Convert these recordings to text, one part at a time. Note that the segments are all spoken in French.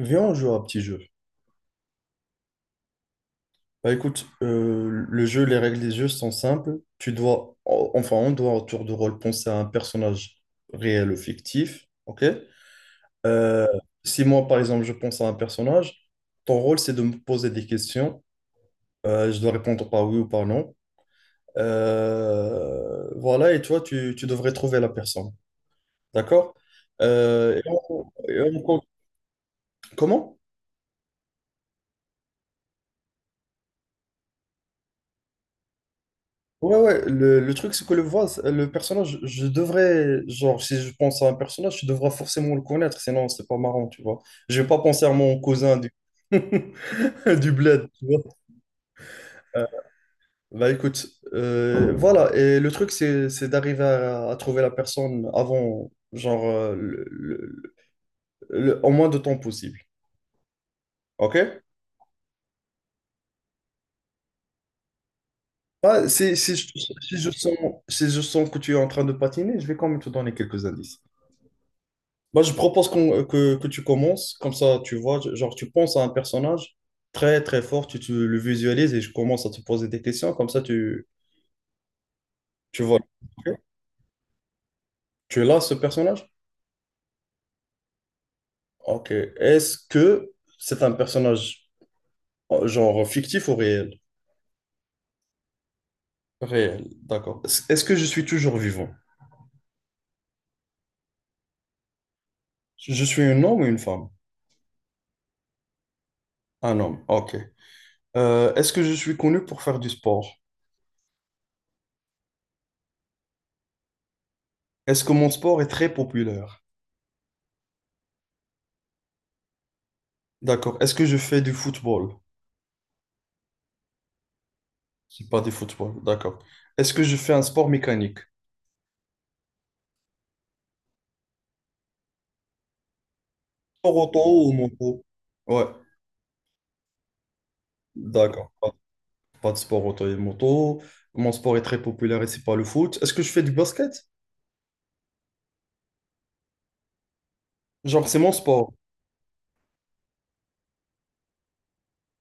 Viens, on joue à un petit jeu. Bah écoute, le jeu, les règles des jeux sont simples. Tu dois, enfin, on doit en tour de rôle penser à un personnage réel ou fictif. Ok? Euh, si moi, par exemple, je pense à un personnage, ton rôle, c'est de me poser des questions. Je dois répondre par oui ou par non. Voilà, et toi, tu devrais trouver la personne. D'accord? Euh, et on- et on- comment? Ouais, ouais, le truc, c'est que le voix, le personnage, je devrais, genre, si je pense à un personnage, je devrais forcément le connaître, sinon c'est pas marrant, tu vois. Je vais pas penser à mon cousin du, du bled, tu vois. Euh, bah écoute, voilà, et le truc, c'est d'arriver à trouver la personne avant, genre, en moins de temps possible, ok? Bah, si, si je, si je sens, si je sens que tu es en train de patiner, je vais quand même te donner quelques indices. Moi je propose que tu commences, comme ça, tu vois, genre, tu penses à un personnage très, très fort, tu le visualises et je commence à te poser des questions, comme ça, tu vois. Ok. Tu es là, ce personnage? Ok. Est-ce que c'est un personnage, genre, fictif ou réel? Réel, d'accord. Est-ce que je suis toujours vivant? Je suis un homme ou une femme? Un homme, ok. Est-ce que je suis connu pour faire du sport? Est-ce que mon sport est très populaire? D'accord. Est-ce que je fais du football? C'est pas du football, d'accord. Est-ce que je fais un sport mécanique? Sport auto ou moto? Ouais, d'accord. Pas de sport auto et moto. Mon sport est très populaire et c'est pas le foot. Est-ce que je fais du basket? Genre, c'est mon sport.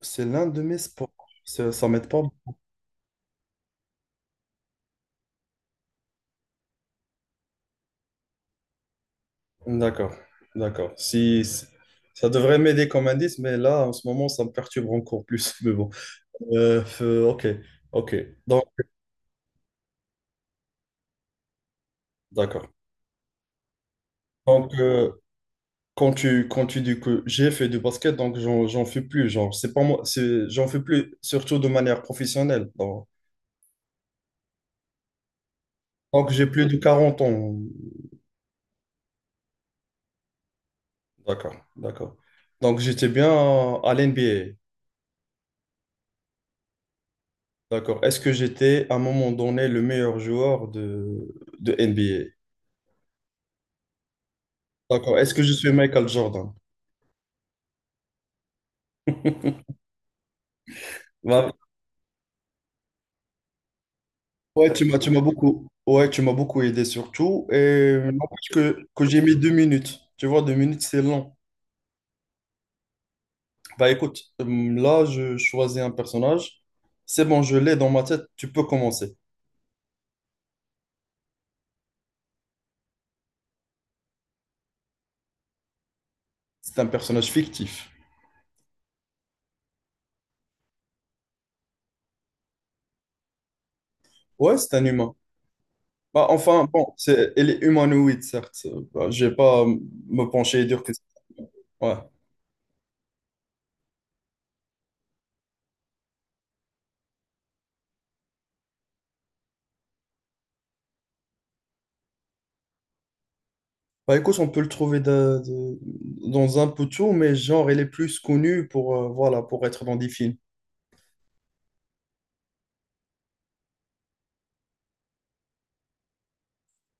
C'est l'un de mes sports. Ça m'aide pas. D'accord, d'accord. Ça devrait m'aider comme indice, mais là, en ce moment, ça me perturbe encore plus. Mais bon. Ok, ok. Donc, d'accord. Donc, quand tu dis que j'ai fait du basket, donc j'en fais plus, genre, c'est pas moi, j'en fais plus, surtout de manière professionnelle. Donc j'ai plus de 40 ans. D'accord, d'accord. Donc, j'étais bien à, l'NBA. D'accord. Est-ce que j'étais à un moment donné le meilleur joueur de NBA? D'accord. Est-ce que je suis Michael Jordan? Bah, ouais, tu m'as beaucoup, ouais, tu m'as beaucoup aidé surtout. Et n'empêche que j'ai mis 2 minutes. Tu vois, 2 minutes, c'est long. Bah écoute, là, je choisis un personnage. C'est bon, je l'ai dans ma tête, tu peux commencer. C'est un personnage fictif. Ouais, c'est un humain. Bah, enfin, bon, il est humanoïde, certes. Bah, je vais pas me pencher et dire que... Ouais. Bah écoute, on peut le trouver dans un peu tout, mais genre, il est plus connu pour, voilà, pour être dans des films.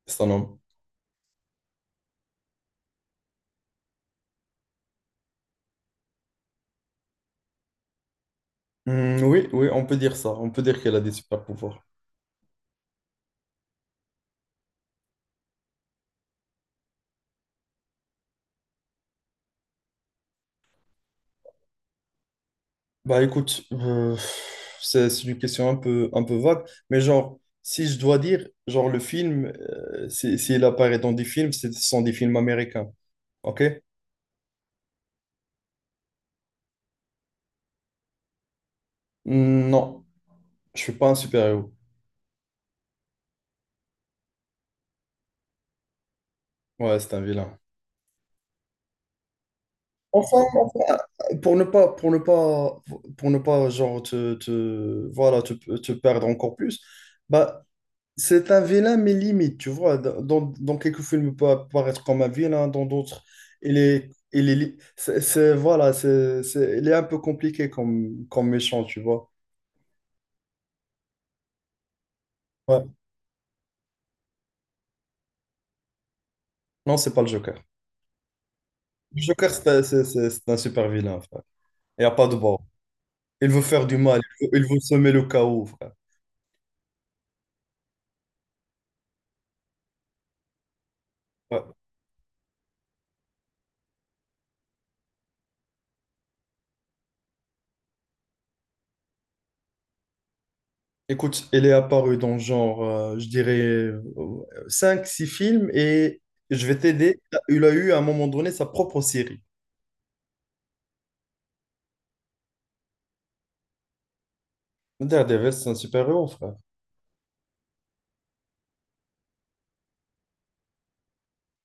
C'est un homme. Oui, oui, on peut dire ça. On peut dire qu'elle a des super pouvoirs. Bah écoute, c'est une question un peu vague, mais genre, si je dois dire, genre le film, s'il apparaît dans des films, ce sont des films américains, ok? Non, je suis pas un super-héros. Ouais, c'est un vilain. Enfin, pour ne pas, pour ne pas, pour ne pas, genre, voilà, te perdre encore plus, bah, c'est un vilain, mais limite, tu vois. Dans quelques films, il peut apparaître comme un vilain, hein, dans d'autres, voilà, il est un peu compliqué comme méchant, tu vois. Ouais. Non, c'est pas le Joker. Le Joker, c'est un super vilain, frère. Il n'y a pas de bord. Il veut faire du mal, il veut semer le chaos, frère. Ouais. Écoute, il est apparu dans genre, je dirais, cinq six films et je vais t'aider. Il a eu à un moment donné sa propre série. Daredevil, c'est un super-héros, frère.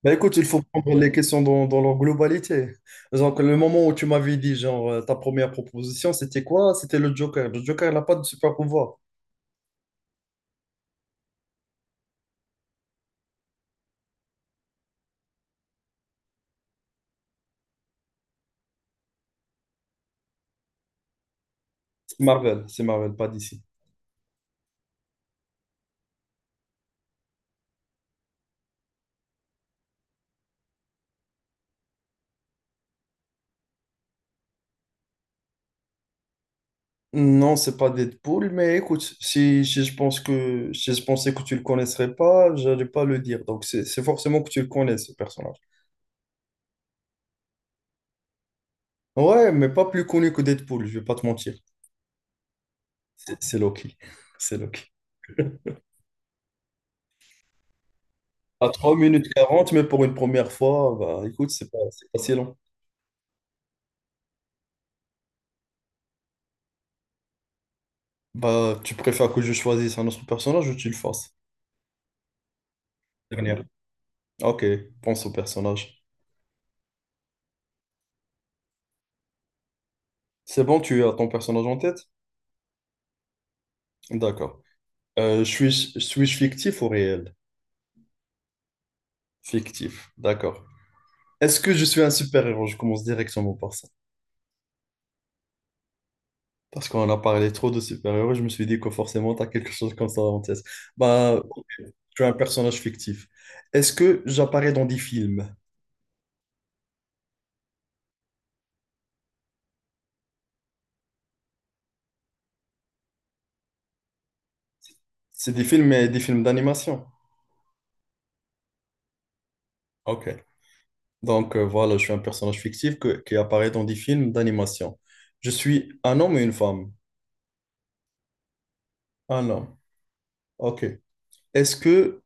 Bah écoute, il faut prendre les questions dans leur globalité. Donc, le moment où tu m'avais dit, genre, ta première proposition, c'était quoi? C'était le Joker. Le Joker, il n'a pas de super pouvoir. C'est Marvel, pas d'ici. Non, c'est pas Deadpool, mais écoute, si je pensais que tu le connaisserais pas, j'allais pas le dire. Donc, c'est forcément que tu le connais, ce personnage. Ouais, mais pas plus connu que Deadpool, je vais pas te mentir. C'est Loki. C'est Loki. À 3 minutes 40 mais pour une première fois, bah écoute, c'est pas si long. Bah, tu préfères que je choisisse un autre personnage ou tu le fasses? Dernière. Ok, pense au personnage. C'est bon, tu as ton personnage en tête? D'accord. Euh, je suis, suis-je fictif ou réel? Fictif, d'accord. Est-ce que je suis un super-héros? Je commence directement par ça. Parce qu'on a parlé trop de super-héros, je me suis dit que forcément, tu as quelque chose comme ça en tête. Bah, ok, tu es un personnage fictif. Est-ce que j'apparais dans des films? C'est des films, mais des films d'animation. Ok. Donc voilà, je suis un personnage fictif qui apparaît dans des films d'animation. Je suis un homme et une femme. Un homme. Ok. Est-ce que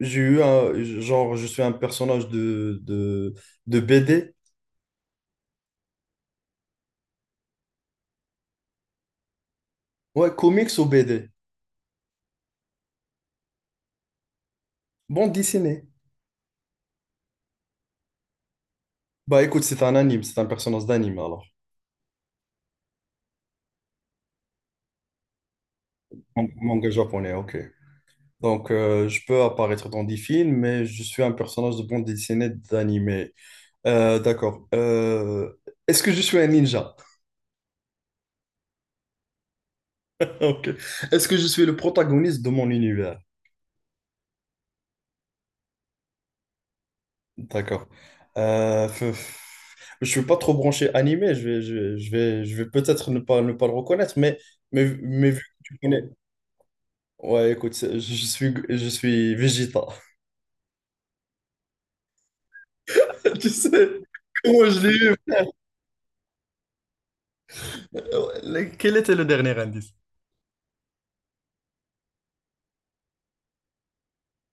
j'ai eu un... Genre, je suis un personnage de BD? Ouais, comics ou BD? Bon, dessiné. Bah écoute, c'est un anime, c'est un personnage d'anime alors. Manga japonais, ok. Donc je peux apparaître dans des films, mais je suis un personnage de bande dessinée d'animé. D'accord. Est-ce que je suis un ninja? Ok. Est-ce que je suis le protagoniste de mon univers? D'accord. Euh, f- f- je suis pas trop branché animé, je vais peut-être ne pas le reconnaître, mais, vu que tu connais... Ouais, écoute, je suis Vegeta. Tu sais, comment je l'ai eu? Quel était le dernier indice?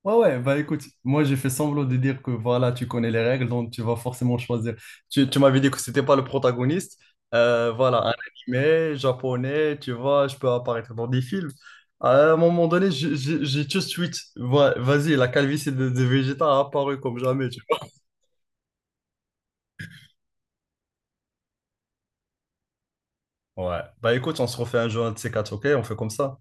Ouais, ouais, bah écoute, moi j'ai fait semblant de dire que voilà, tu connais les règles, donc tu vas forcément choisir. Tu m'avais dit que c'était pas le protagoniste. Voilà, un animé japonais, tu vois, je peux apparaître dans des films. À un moment donné, j'ai tout de suite, ouais, vas-y, la calvitie de Vegeta a apparu comme jamais, tu vois. Ouais, bah écoute, on se refait un jeu un de ces quatre, ok? On fait comme ça.